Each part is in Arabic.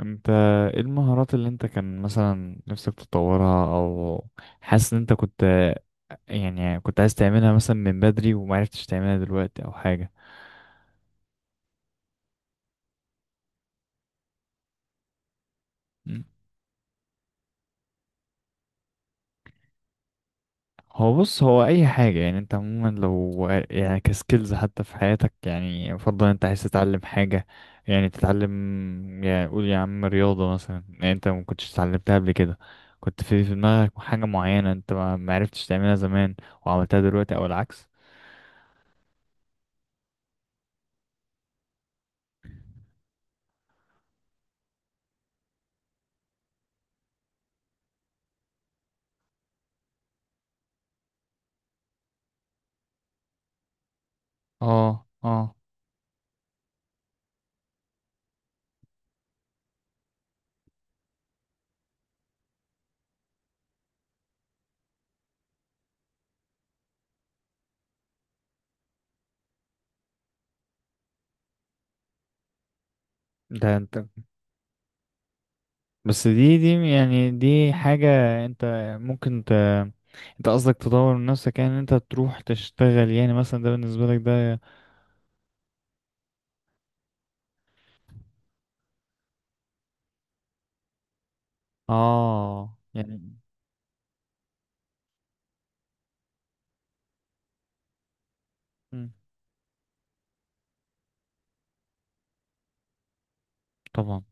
انت، ايه المهارات اللي انت كان مثلا نفسك تطورها او حاسس ان انت كنت؟ يعني كنت عايز تعملها مثلا من بدري ومعرفتش تعملها دلوقتي او حاجة؟ مم. هو بص، هو اي حاجة يعني انت عموما لو يعني كسكيلز حتى في حياتك، يعني يفضل انت عايز تتعلم حاجة، يعني تتعلم، يعني قول يا عم رياضة مثلا، يعني انت ما كنتش اتعلمتها قبل كده، كنت في دماغك حاجة معينة انت ما معرفتش تعملها زمان وعملتها دلوقتي او العكس. اه اه. ده انت، بس دي يعني دي حاجة انت ممكن انت قصدك تطور من نفسك، يعني ان انت تروح تشتغل، يعني مثلا ده بالنسبة لك ده. اه يعني. مم، طبعا.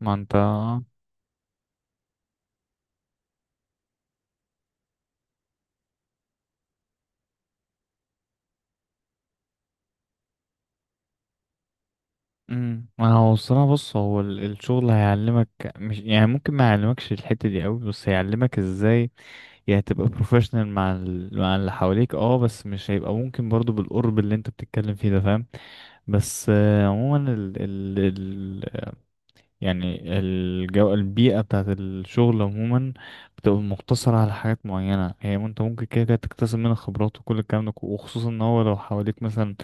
ما انت. مم، ما هو الصراحة بص، هو الشغل هيعلمك، مش يعني ممكن ما يعلمكش الحتة دي قوي، بس هيعلمك ازاي يعني تبقى بروفيشنال مع مع اللي حواليك، اه بس مش هيبقى ممكن برضو بالقرب اللي انت بتتكلم فيه ده، فاهم؟ بس عموما يعني الجو، البيئة بتاعت الشغل عموما بتبقى مقتصرة على حاجات معينة، هي ما انت ممكن كده كده تكتسب منها خبرات وكل الكلام ده، وخصوصا ان هو لو حواليك مثلا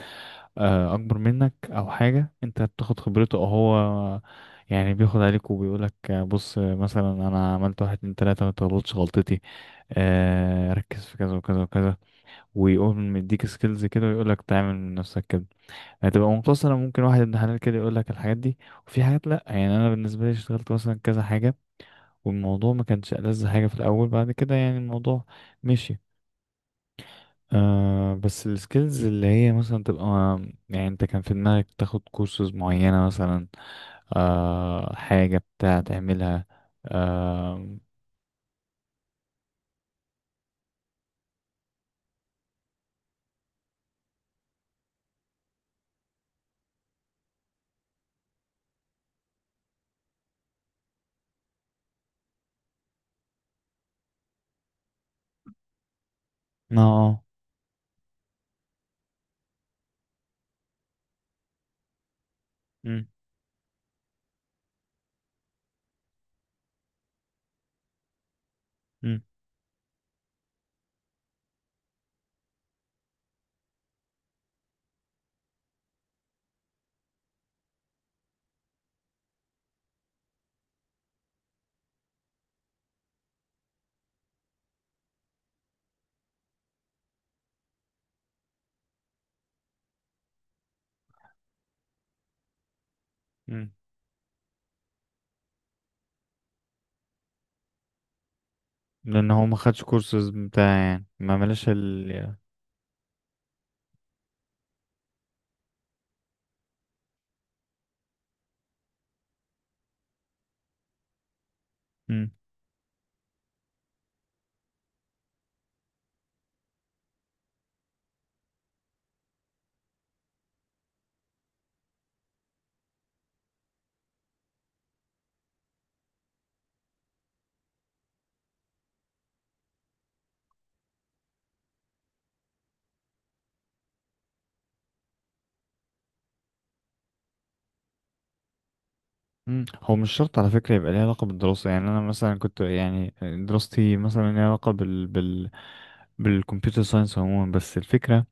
أكبر منك أو حاجة، انت بتاخد خبرته، أو هو يعني بياخد عليك وبيقولك بص، مثلا أنا عملت واحد اتنين تلاتة، متغلطش غلطتي، ركز في كذا وكذا وكذا، ويقوم مديك سكيلز كده ويقولك تعمل من نفسك كده. هتبقى مقتصرة، ممكن واحد ابن حلال كده يقول لك الحاجات دي، وفي حاجات لأ. يعني أنا بالنسبة لي اشتغلت مثلا كذا حاجة والموضوع ما كانش ألذ حاجة في الأول، بعد كده يعني الموضوع مشي. آه بس السكيلز اللي هي مثلا تبقى، يعني أنت كان في دماغك تاخد كورسز معينة مثلا، آه حاجة بتاع تعملها، آه. اه آه. مم. مم. مم. لأن هو ما خدش كورسز، بتاع يعني ما ملاش ال. مم. هو مش شرط على فكرة يبقى ليه علاقة بالدراسة، يعني أنا مثلا كنت يعني دراستي مثلا ليها علاقة بال بالكمبيوتر ساينس عموما، بس الفكرة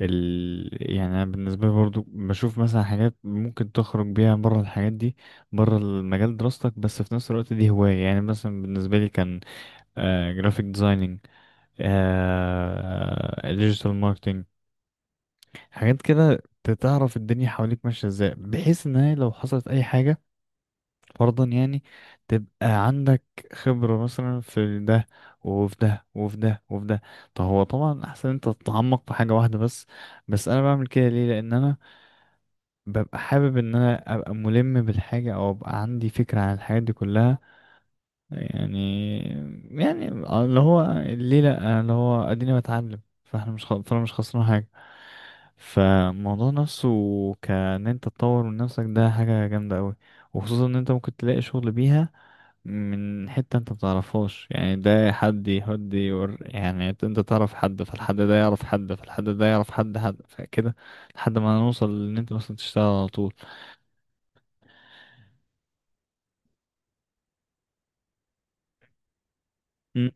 يعني أنا بالنسبة لي برضو بشوف مثلا حاجات ممكن تخرج بيها بره الحاجات دي، بره المجال دراستك، بس في نفس الوقت دي هواية. يعني مثلا بالنسبة لي كان آه جرافيك ديزايننج، آه ديجيتال ماركتنج، حاجات كده. تعرف الدنيا حواليك ماشية ازاي، بحيث ان هي لو حصلت اي حاجة فرضا يعني تبقى عندك خبرة مثلا في ده وفي ده وفي ده وفي ده. طب هو طبعا احسن انت تتعمق في حاجة واحدة بس، بس انا بعمل كده ليه؟ لان انا ببقى حابب ان انا ابقى ملم بالحاجة او ابقى عندي فكرة عن الحاجات دي كلها. يعني يعني اللي هو ليه؟ لأ، اللي هو اديني بتعلم، فاحنا مش خ... فانا مش خسران حاجة. فالموضوع نفسه كان انت تطور من نفسك، ده حاجة جامدة قوي، وخصوصا ان انت ممكن تلاقي شغل بيها من حتة انت متعرفهاش. يعني ده حد يهد يور، يعني انت تعرف حد فالحد ده يعرف حد فالحد ده يعرف حد حد فكده لحد ما نوصل ان انت مثلا تشتغل على طول. م-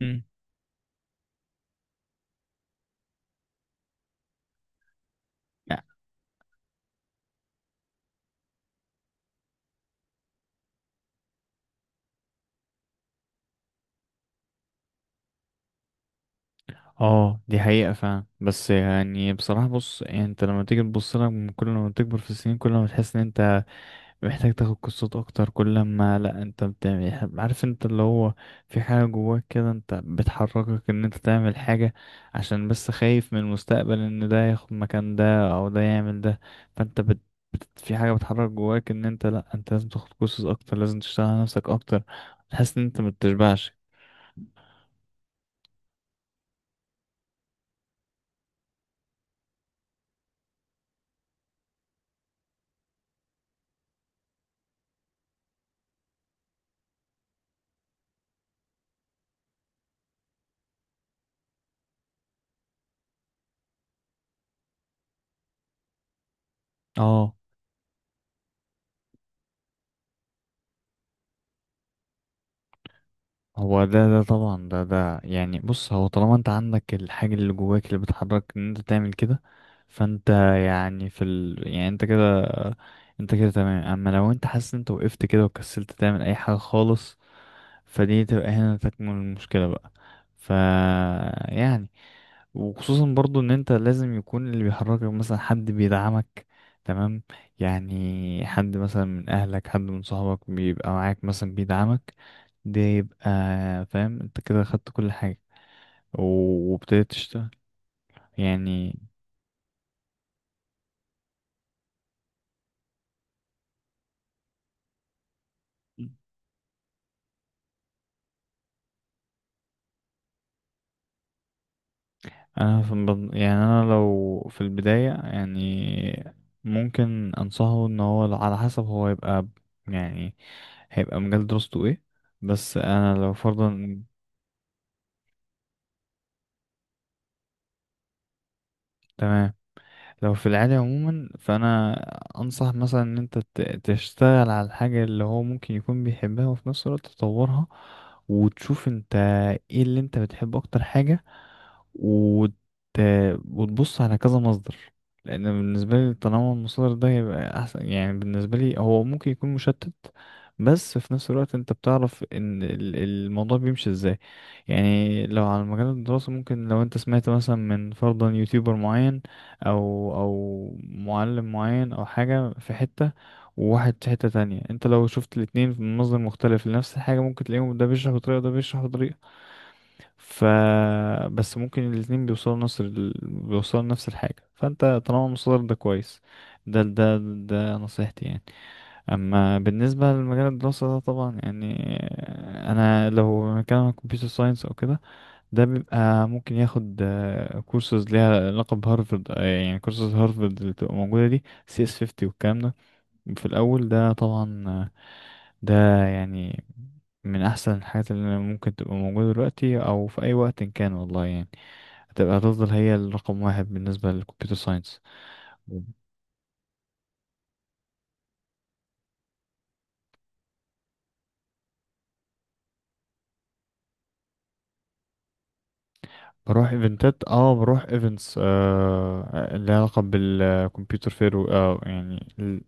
م. اه دي حقيقة فعلا، بس يعني بصراحة بص، يعني انت لما تيجي تبص لها، من كل ما تكبر في السنين كل ما تحس ان انت محتاج تاخد كورسات اكتر، كل ما لا انت بتعمل، عارف انت اللي هو في حاجة جواك كده انت بتحركك ان انت تعمل حاجة، عشان بس خايف من المستقبل ان ده ياخد مكان ده او ده يعمل ده. فانت بت في حاجة بتحرك جواك ان انت لا انت لازم تاخد كورسات اكتر، لازم تشتغل على نفسك اكتر، تحس ان انت متشبعش. اه هو ده ده طبعا ده ده، يعني بص هو طالما انت عندك الحاجة اللي جواك اللي بتحرك ان انت تعمل كده، فانت يعني في يعني انت كده، انت كده تمام. اما لو انت حاسس ان انت وقفت كده وكسلت تعمل اي حاجة خالص، فدي تبقى هنا تكمن المشكلة بقى. ف، يعني وخصوصا برضو ان انت لازم يكون اللي بيحركك مثلا حد بيدعمك، تمام؟ يعني حد مثلا من اهلك، حد من صحابك بيبقى معاك مثلا بيدعمك، ده يبقى فاهم انت كده خدت كل حاجة وابتديت تشتغل. يعني انا يعني انا لو في البداية يعني ممكن انصحه ان هو على حسب هو يبقى يعني هيبقى مجال دراسته ايه، بس انا لو فرضا. تمام. لو في العادي عموما فانا انصح مثلا ان انت تشتغل على الحاجة اللي هو ممكن يكون بيحبها وفي نفس الوقت تطورها، وتشوف انت ايه اللي انت بتحب اكتر حاجة، وت... وتبص على كذا مصدر، لان بالنسبة لي تنوع المصادر ده يبقى احسن. يعني بالنسبة لي هو ممكن يكون مشتت، بس في نفس الوقت انت بتعرف ان الموضوع بيمشي ازاي. يعني لو على مجال الدراسة، ممكن لو انت سمعت مثلا من فرضا يوتيوبر معين او او معلم معين او حاجة في حتة، وواحد في حتة تانية، انت لو شفت الاتنين من مصدر مختلف لنفس الحاجة ممكن تلاقيهم ده بيشرح بطريقة وده بيشرح بطريقة، ف، بس ممكن الاتنين بيوصلوا نفس بيوصلوا نفس الحاجة، فانت طالما المصدر ده كويس، ده ده ده نصيحتي يعني. اما بالنسبة لمجال الدراسة ده طبعا يعني انا لو مكان كمبيوتر ساينس او كده، ده بيبقى ممكن ياخد كورسز ليها علاقة بهارفرد، يعني كورسز هارفرد اللي بتبقى موجودة دي سي اس 50 والكلام ده في الأول، ده طبعا ده يعني من أحسن الحاجات اللي ممكن تبقى موجودة دلوقتي أو في أي وقت إن كان، والله يعني هتبقى، هتفضل هي الرقم واحد بالنسبة للكمبيوتر ساينس. بروح ايفنتات اه، بروح ايفنتس آه اللي لها علاقة بالكمبيوتر، اه يعني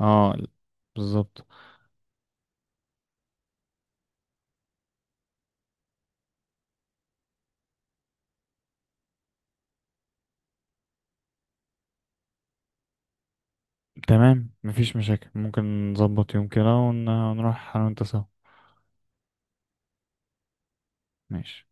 اه بالظبط. تمام، مفيش مشاكل، ممكن نظبط يوم كده ونروح انا وانت سوا. ماشي.